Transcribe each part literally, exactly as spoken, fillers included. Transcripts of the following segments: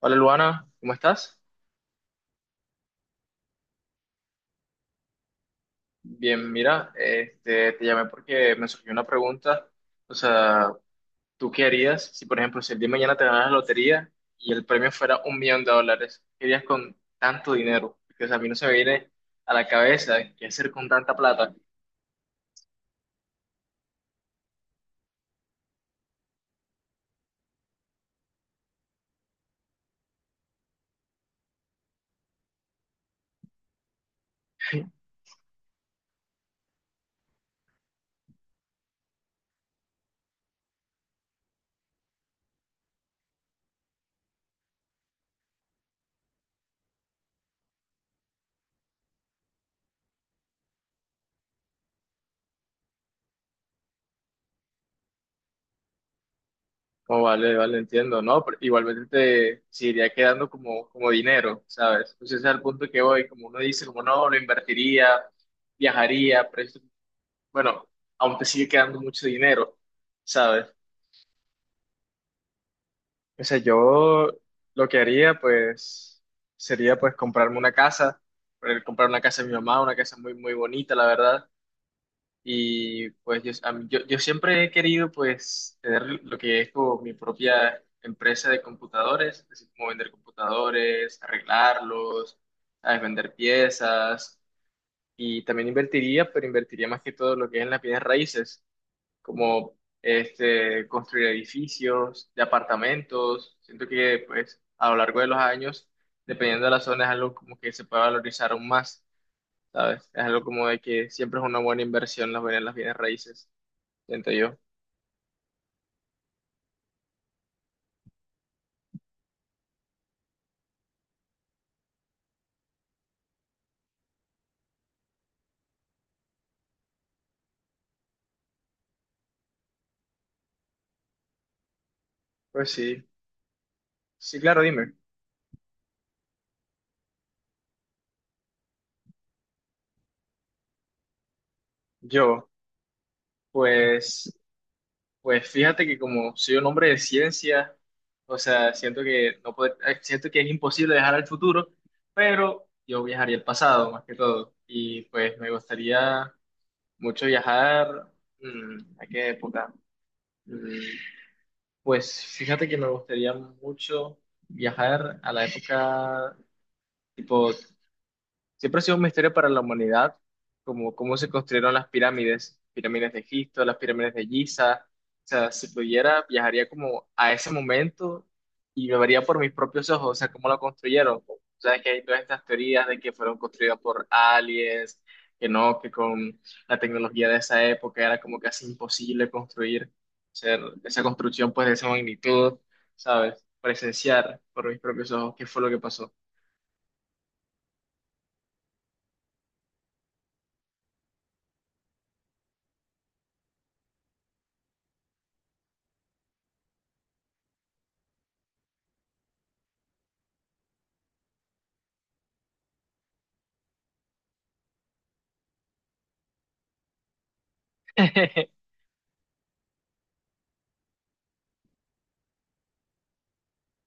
Hola Luana, ¿cómo estás? Bien, mira, este, te llamé porque me surgió una pregunta. O sea, ¿tú qué harías si, por ejemplo, si el día de mañana te ganas la lotería y el premio fuera un millón de dólares? ¿Qué harías con tanto dinero? Porque, o sea, a mí no se me viene a la cabeza qué hacer con tanta plata. Oh, vale, vale, entiendo, ¿no? Pero igualmente te seguiría quedando como, como dinero, ¿sabes? Entonces ese es el punto que voy, como uno dice, como no, lo invertiría, viajaría, pero bueno, aún te sigue quedando mucho dinero, ¿sabes? O sea, yo lo que haría, pues, sería, pues, comprarme una casa, eh, comprar una casa de mi mamá, una casa muy, muy bonita, la verdad. Y, pues, yo, a mí- yo, yo siempre he querido, pues, tener lo que es como mi propia empresa de computadores, es decir, como vender computadores, arreglarlos, ¿sabes? Vender piezas. Y también invertiría, pero invertiría más que todo lo que es en las bienes raíces. Como este, construir edificios de apartamentos. Siento que pues a lo largo de los años, dependiendo de la zona, es algo como que se puede valorizar aún más, ¿sabes? Es algo como de que siempre es una buena inversión las bienes, las bienes raíces, siento yo. Pues sí, sí, claro, dime. Yo, pues, pues fíjate que como soy un hombre de ciencia, o sea, siento que no pod- eh, siento que es imposible viajar al futuro, pero yo viajaría al pasado más que todo. Y pues me gustaría mucho viajar, mm, ¿a qué época? Mm, Pues fíjate que me gustaría mucho viajar a la época tipo. Siempre ha sido un misterio para la humanidad, como cómo se construyeron las pirámides, pirámides de Egipto, las pirámides de Giza. O sea, si pudiera, viajaría como a ese momento y lo vería por mis propios ojos, o sea, cómo lo construyeron. O sea, que hay todas estas teorías de que fueron construidas por aliens, que no, que con la tecnología de esa época era como casi imposible construir, hacer esa construcción pues de esa magnitud, ¿sabes? Presenciar por mis propios ojos qué fue lo que pasó.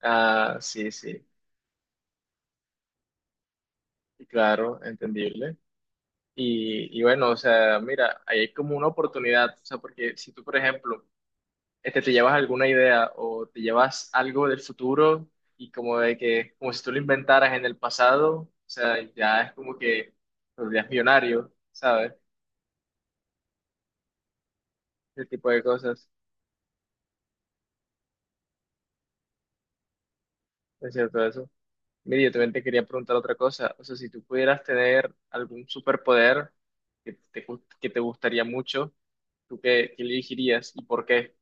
Ah, sí, sí. Y claro, entendible. Y, y bueno, o sea, mira, ahí hay como una oportunidad, o sea, porque si tú, por ejemplo, este, te llevas alguna idea o te llevas algo del futuro y como de que, como si tú lo inventaras en el pasado, o sea, ya es como que serías millonario, ¿sabes? Ese tipo de cosas, es cierto eso. Mira, yo también te quería preguntar otra cosa, o sea, si tú pudieras tener algún superpoder que te, gust- que te gustaría mucho, ¿tú qué, qué elegirías y por qué?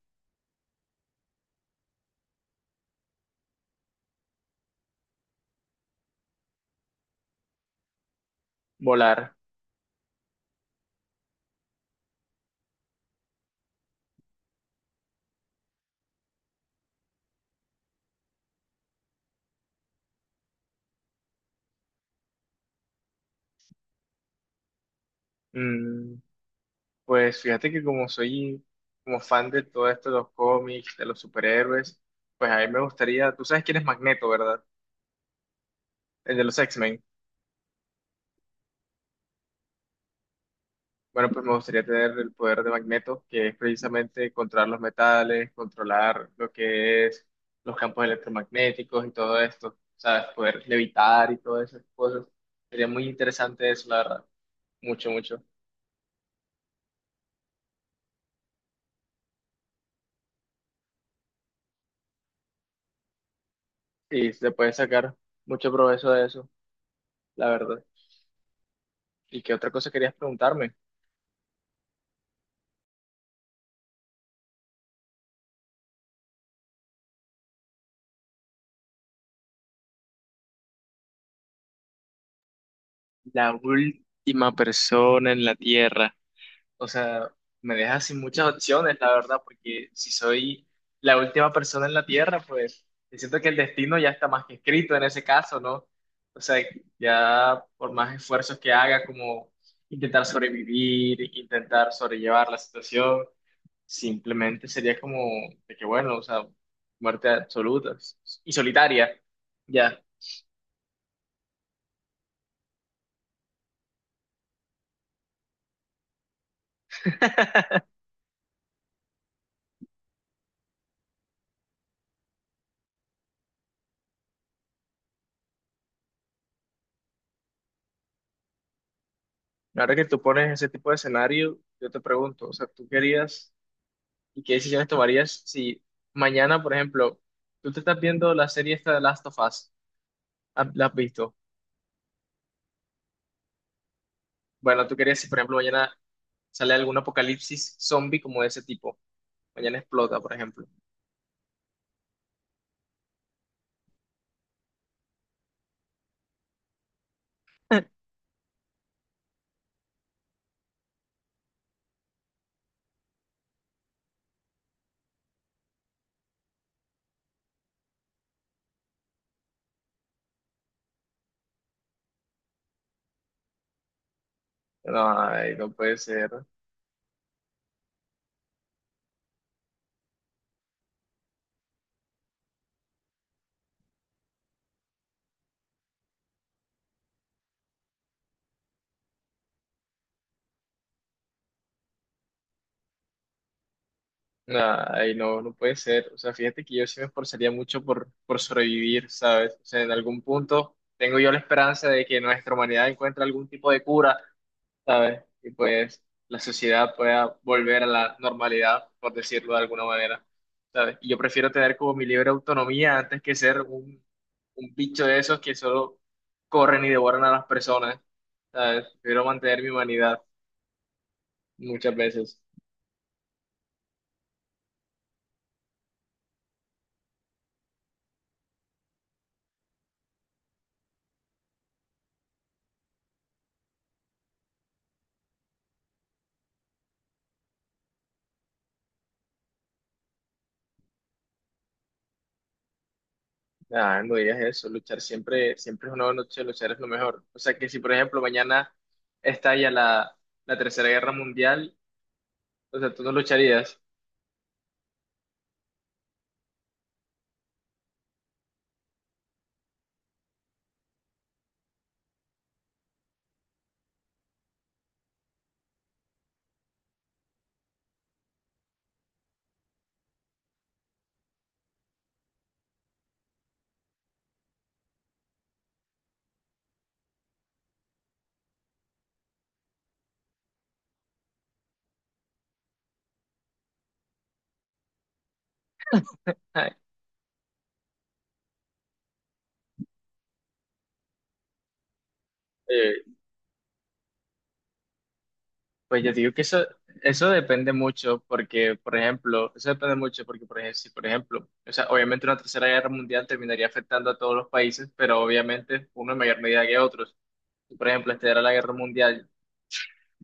Volar. Mm, pues fíjate que como soy como fan de todo esto de los cómics, de los superhéroes, pues a mí me gustaría, tú sabes quién es Magneto, ¿verdad? El de los X-Men. Bueno, pues me gustaría tener el poder de Magneto, que es precisamente controlar los metales, controlar lo que es los campos electromagnéticos y todo esto, ¿sabes? Poder levitar y todas esas cosas. Sería muy interesante eso, la verdad. Mucho, mucho. Y se puede sacar mucho provecho de eso, la verdad. ¿Y qué otra cosa querías preguntarme? La última persona en la Tierra. O sea, me deja sin muchas opciones, la verdad, porque si soy la última persona en la Tierra, pues yo siento que el destino ya está más que escrito en ese caso, ¿no? O sea, ya por más esfuerzos que haga, como intentar sobrevivir, intentar sobrellevar la situación, simplemente sería como de que, bueno, o sea, muerte absoluta y solitaria, ya. Ahora que tú pones ese tipo de escenario, yo te pregunto, o sea, ¿tú querías y qué decisiones tomarías si mañana, por ejemplo, tú te estás viendo la serie esta de Last of Us, ¿ha- la has visto? Bueno, ¿tú querías si, por ejemplo, mañana sale algún apocalipsis zombie como de ese tipo? Mañana explota, por ejemplo. Ay, no puede ser. Ay, no, no puede ser. O sea, fíjate que yo sí me esforzaría mucho por, por sobrevivir, ¿sabes? O sea, en algún punto tengo yo la esperanza de que nuestra humanidad encuentre algún tipo de cura, ¿sabes? Y pues la sociedad pueda volver a la normalidad, por decirlo de alguna manera, ¿sabes? Y yo prefiero tener como mi libre autonomía antes que ser un, un bicho de esos que solo corren y devoran a las personas, ¿sabes? Prefiero mantener mi humanidad muchas veces. Ah, no digas eso, luchar siempre, siempre es una buena noche, luchar es lo mejor. O sea que si, por ejemplo, mañana estalla la, la Tercera Guerra Mundial, o sea, tú no lucharías. Pues yo digo que eso, eso depende mucho porque, por ejemplo, eso depende mucho porque, por ejemplo, si, por ejemplo, o sea, obviamente una tercera guerra mundial terminaría afectando a todos los países, pero obviamente uno en mayor medida que otros. Si, por ejemplo, esta era la guerra mundial,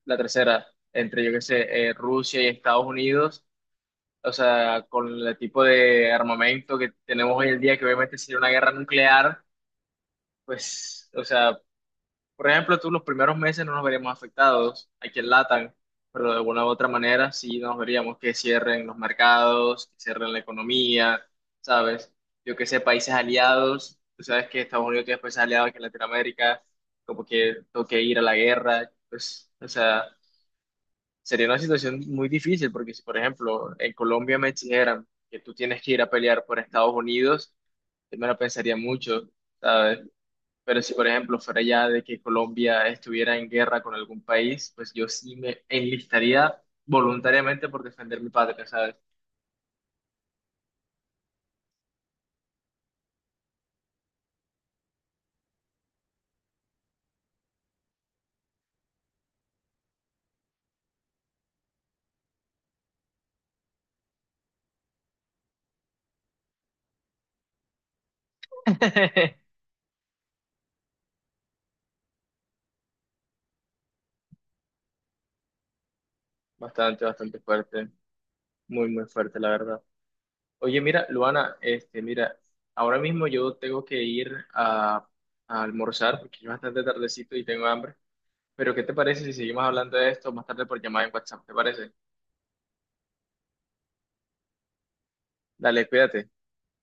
la tercera, entre, yo qué sé, eh, Rusia y Estados Unidos, o sea, con el tipo de armamento que tenemos hoy en día, que obviamente sería una guerra nuclear, pues, o sea, por ejemplo, tú los primeros meses no nos veríamos afectados aquí en LATAM, pero de alguna u otra manera sí nos veríamos que cierren los mercados, que cierren la economía, ¿sabes? Yo que sé, países aliados, tú sabes que Estados Unidos tiene países aliados aquí en Latinoamérica, como que toque ir a la guerra, pues, o sea, sería una situación muy difícil, porque si, por ejemplo, en Colombia me dijeran que tú tienes que ir a pelear por Estados Unidos, yo me lo pensaría mucho, ¿sabes? Pero si, por ejemplo, fuera ya de que Colombia estuviera en guerra con algún país, pues yo sí me enlistaría voluntariamente por defender mi patria, ¿sabes? Bastante, bastante fuerte, muy, muy fuerte, la verdad. Oye, mira, Luana, este, mira, ahora mismo yo tengo que ir a, a almorzar porque es bastante tardecito y tengo hambre. Pero, ¿qué te parece si seguimos hablando de esto más tarde por llamada en WhatsApp? ¿Te parece? Dale, cuídate.